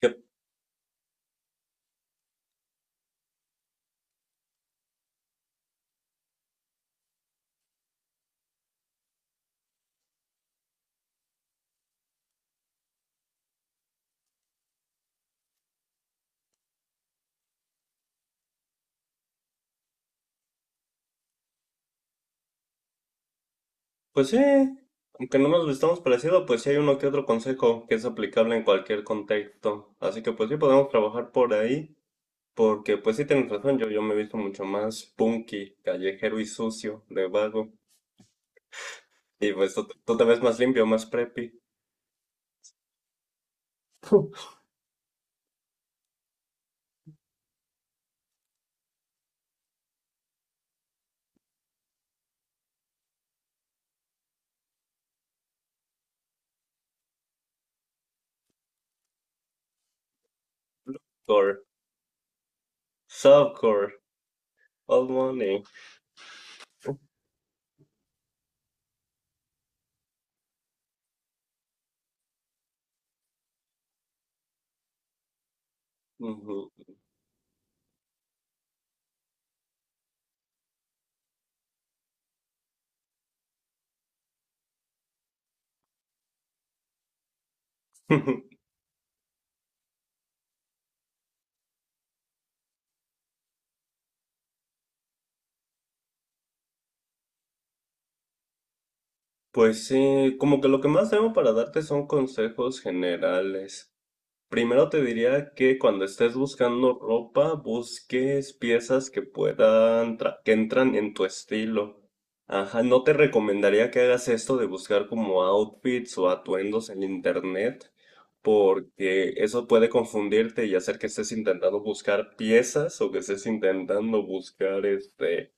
Que, pues sí, aunque no nos vistamos parecido, pues sí hay uno que otro consejo que es aplicable en cualquier contexto. Así que pues sí podemos trabajar por ahí, porque pues sí tienes razón, yo me he visto mucho más punky, callejero y sucio, de vago. Y pues tú te ves más limpio, más preppy, core, softcore, old money. Ujú. Pues sí, como que lo que más tengo para darte son consejos generales. Primero te diría que cuando estés buscando ropa, busques piezas que que entran en tu estilo. Ajá, no te recomendaría que hagas esto de buscar como outfits o atuendos en internet, porque eso puede confundirte y hacer que estés intentando buscar piezas o que estés intentando buscar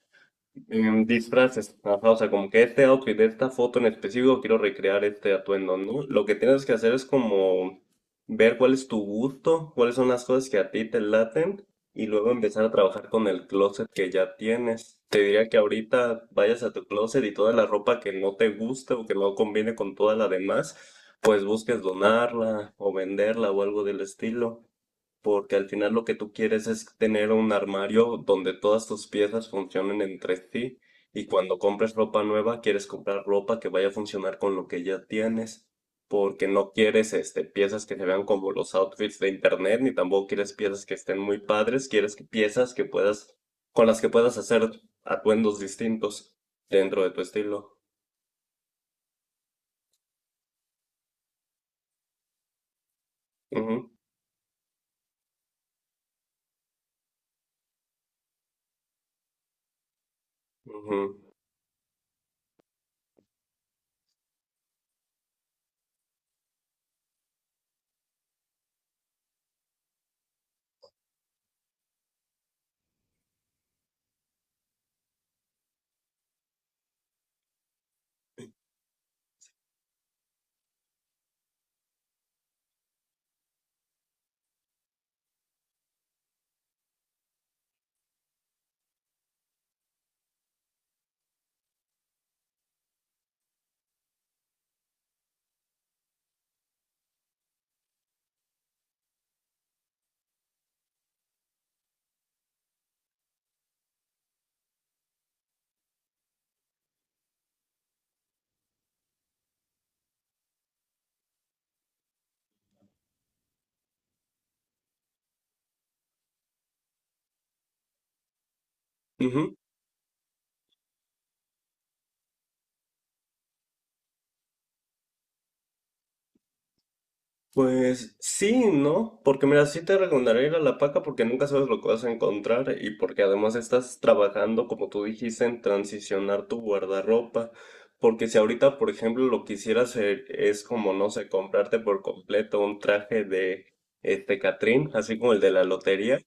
en disfraces, ajá, o sea, como que este outfit de esta foto en específico quiero recrear este atuendo, ¿no? Lo que tienes que hacer es como ver cuál es tu gusto, cuáles son las cosas que a ti te laten y luego empezar a trabajar con el closet que ya tienes. Te diría que ahorita vayas a tu closet y toda la ropa que no te guste o que no conviene con toda la demás, pues busques donarla o venderla o algo del estilo porque al final lo que tú quieres es tener un armario donde todas tus piezas funcionen entre sí y cuando compres ropa nueva quieres comprar ropa que vaya a funcionar con lo que ya tienes, porque no quieres piezas que se vean como los outfits de internet ni tampoco quieres piezas que estén muy padres, piezas que puedas con las que puedas hacer atuendos distintos dentro de tu estilo. Ujú, ujú, ujú. Pues sí, ¿no? Porque mira, sí te recomendaría ir a La Paca porque nunca sabes lo que vas a encontrar y porque además estás trabajando, como tú dijiste, en transicionar tu guardarropa. Porque si ahorita, por ejemplo, lo que quisieras es como, no sé, comprarte por completo un traje de Catrín, así como el de la lotería,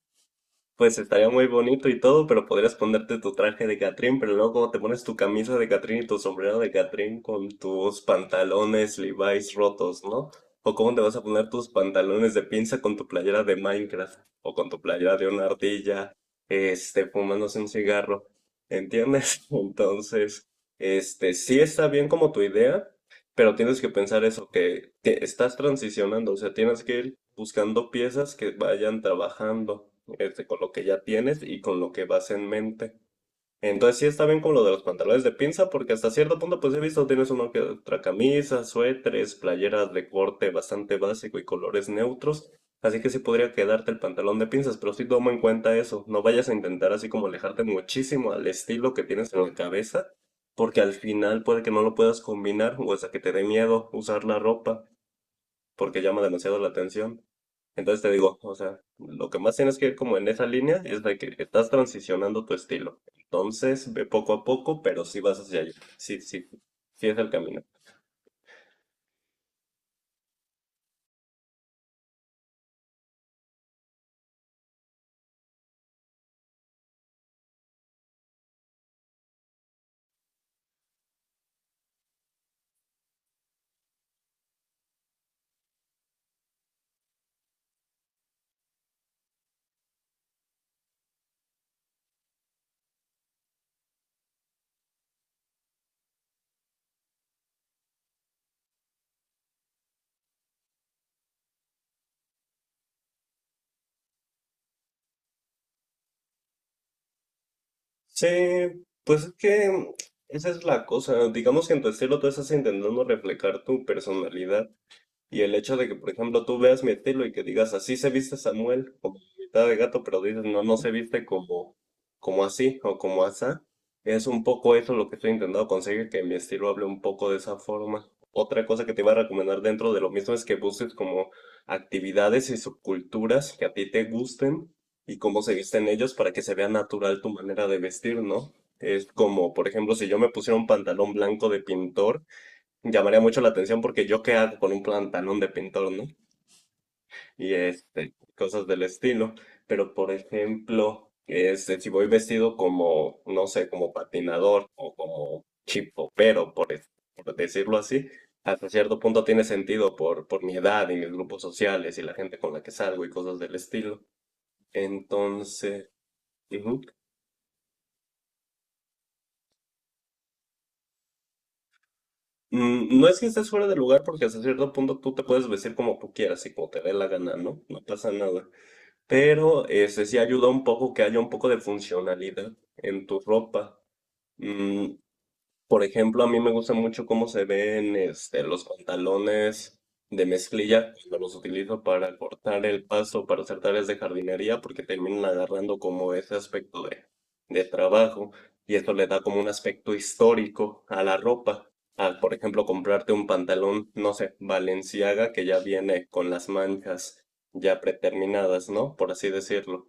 pues estaría muy bonito y todo, pero podrías ponerte tu traje de Catrín, pero luego como te pones tu camisa de Catrín y tu sombrero de Catrín con tus pantalones Levi's rotos, ¿no? O cómo te vas a poner tus pantalones de pinza con tu playera de Minecraft o con tu playera de una ardilla, fumándose un cigarro, ¿entiendes? Entonces, sí está bien como tu idea, pero tienes que pensar eso, estás transicionando, o sea, tienes que ir buscando piezas que vayan trabajando, con lo que ya tienes y con lo que vas en mente. Entonces sí está bien como lo de los pantalones de pinza, porque hasta cierto punto pues he visto tienes uno que otra camisa, suéteres, playeras de corte bastante básico y colores neutros, así que sí podría quedarte el pantalón de pinzas, pero sí toma en cuenta eso, no vayas a intentar así como alejarte muchísimo al estilo que tienes en la cabeza, porque al final puede que no lo puedas combinar o hasta que te dé miedo usar la ropa porque llama demasiado la atención. Entonces te digo, o sea, lo que más tienes que ir como en esa línea es de que estás transicionando tu estilo. Entonces, ve poco a poco, pero sí vas hacia allá. Sí, sí, sí es el camino. Sí, pues es que esa es la cosa. Digamos que en tu estilo tú estás intentando reflejar tu personalidad. Y el hecho de que, por ejemplo, tú veas mi estilo y que digas, así se viste Samuel, como mitad de gato, pero dices, no se viste como así o como asá, es un poco eso lo que estoy intentando conseguir, que mi estilo hable un poco de esa forma. Otra cosa que te iba a recomendar dentro de lo mismo es que busques como actividades y subculturas que a ti te gusten y cómo se visten ellos para que se vea natural tu manera de vestir, ¿no? Es como, por ejemplo, si yo me pusiera un pantalón blanco de pintor, llamaría mucho la atención porque yo qué hago con un pantalón de pintor, ¿no? Y cosas del estilo. Pero por ejemplo, si voy vestido como, no sé, como patinador o como chipopero, por decirlo así, hasta cierto punto tiene sentido por mi edad y mis grupos sociales y la gente con la que salgo y cosas del estilo. Entonces, ujú. Mm, no es que estés fuera de lugar porque hasta cierto punto tú te puedes vestir como tú quieras y como te dé la gana, ¿no? No pasa nada. Pero este sí ayuda un poco que haya un poco de funcionalidad en tu ropa. Mm, por ejemplo, a mí me gusta mucho cómo se ven los pantalones de mezclilla cuando los utilizo para cortar el pasto, para hacer tareas de jardinería, porque terminan agarrando como ese aspecto de trabajo y esto le da como un aspecto histórico a la ropa. Al, por ejemplo, comprarte un pantalón, no sé, Balenciaga, que ya viene con las manchas ya preterminadas, ¿no? Por así decirlo.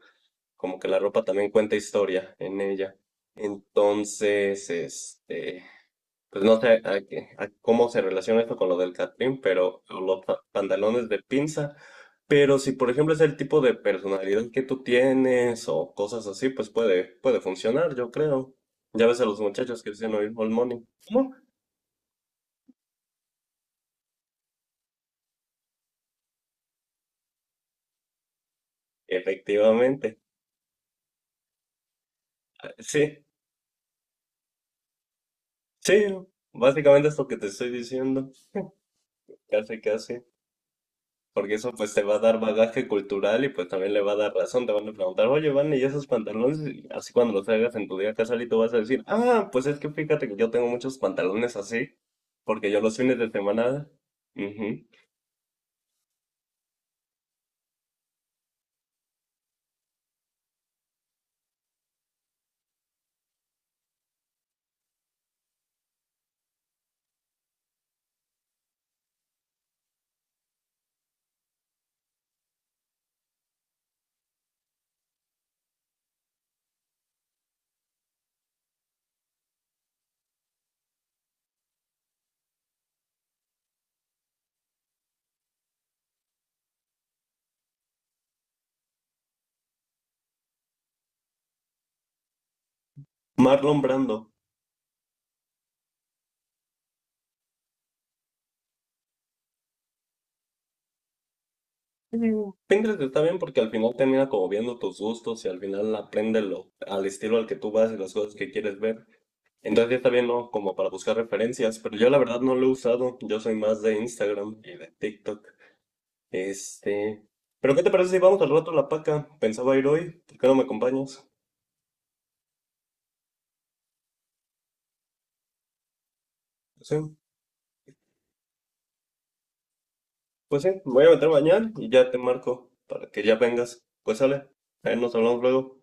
Como que la ropa también cuenta historia en ella. Entonces, Pues no sé a cómo se relaciona esto con lo del catrín, pero o los pantalones de pinza. Pero si, por ejemplo, es el tipo de personalidad que tú tienes o cosas así, pues puede funcionar, yo creo. Ya ves a los muchachos que dicen oír All Money. ¿Cómo? Efectivamente. Sí, sí, básicamente es lo que te estoy diciendo. Casi. Porque eso pues te va a dar bagaje cultural y pues también le va a dar razón. Te van a preguntar, oye, Van, ¿y esos pantalones? Y así cuando los hagas en tu día casual y tú vas a decir, ah, pues es que fíjate que yo tengo muchos pantalones así, porque yo los fines de semana... Ujú. Marlon Brando. Mm, Pinterest está bien porque al final termina como viendo tus gustos y al final aprende lo, al estilo al que tú vas y las cosas que quieres ver. Entonces ya está bien, ¿no? Como para buscar referencias, pero yo la verdad no lo he usado. Yo soy más de Instagram y de TikTok. Este. Pero ¿qué te parece si vamos al rato a la paca? Pensaba ir hoy, ¿por qué no me acompañas? Sí, pues sí, me voy a meter mañana y ya te marco para que ya vengas. Pues sale, ahí nos hablamos luego.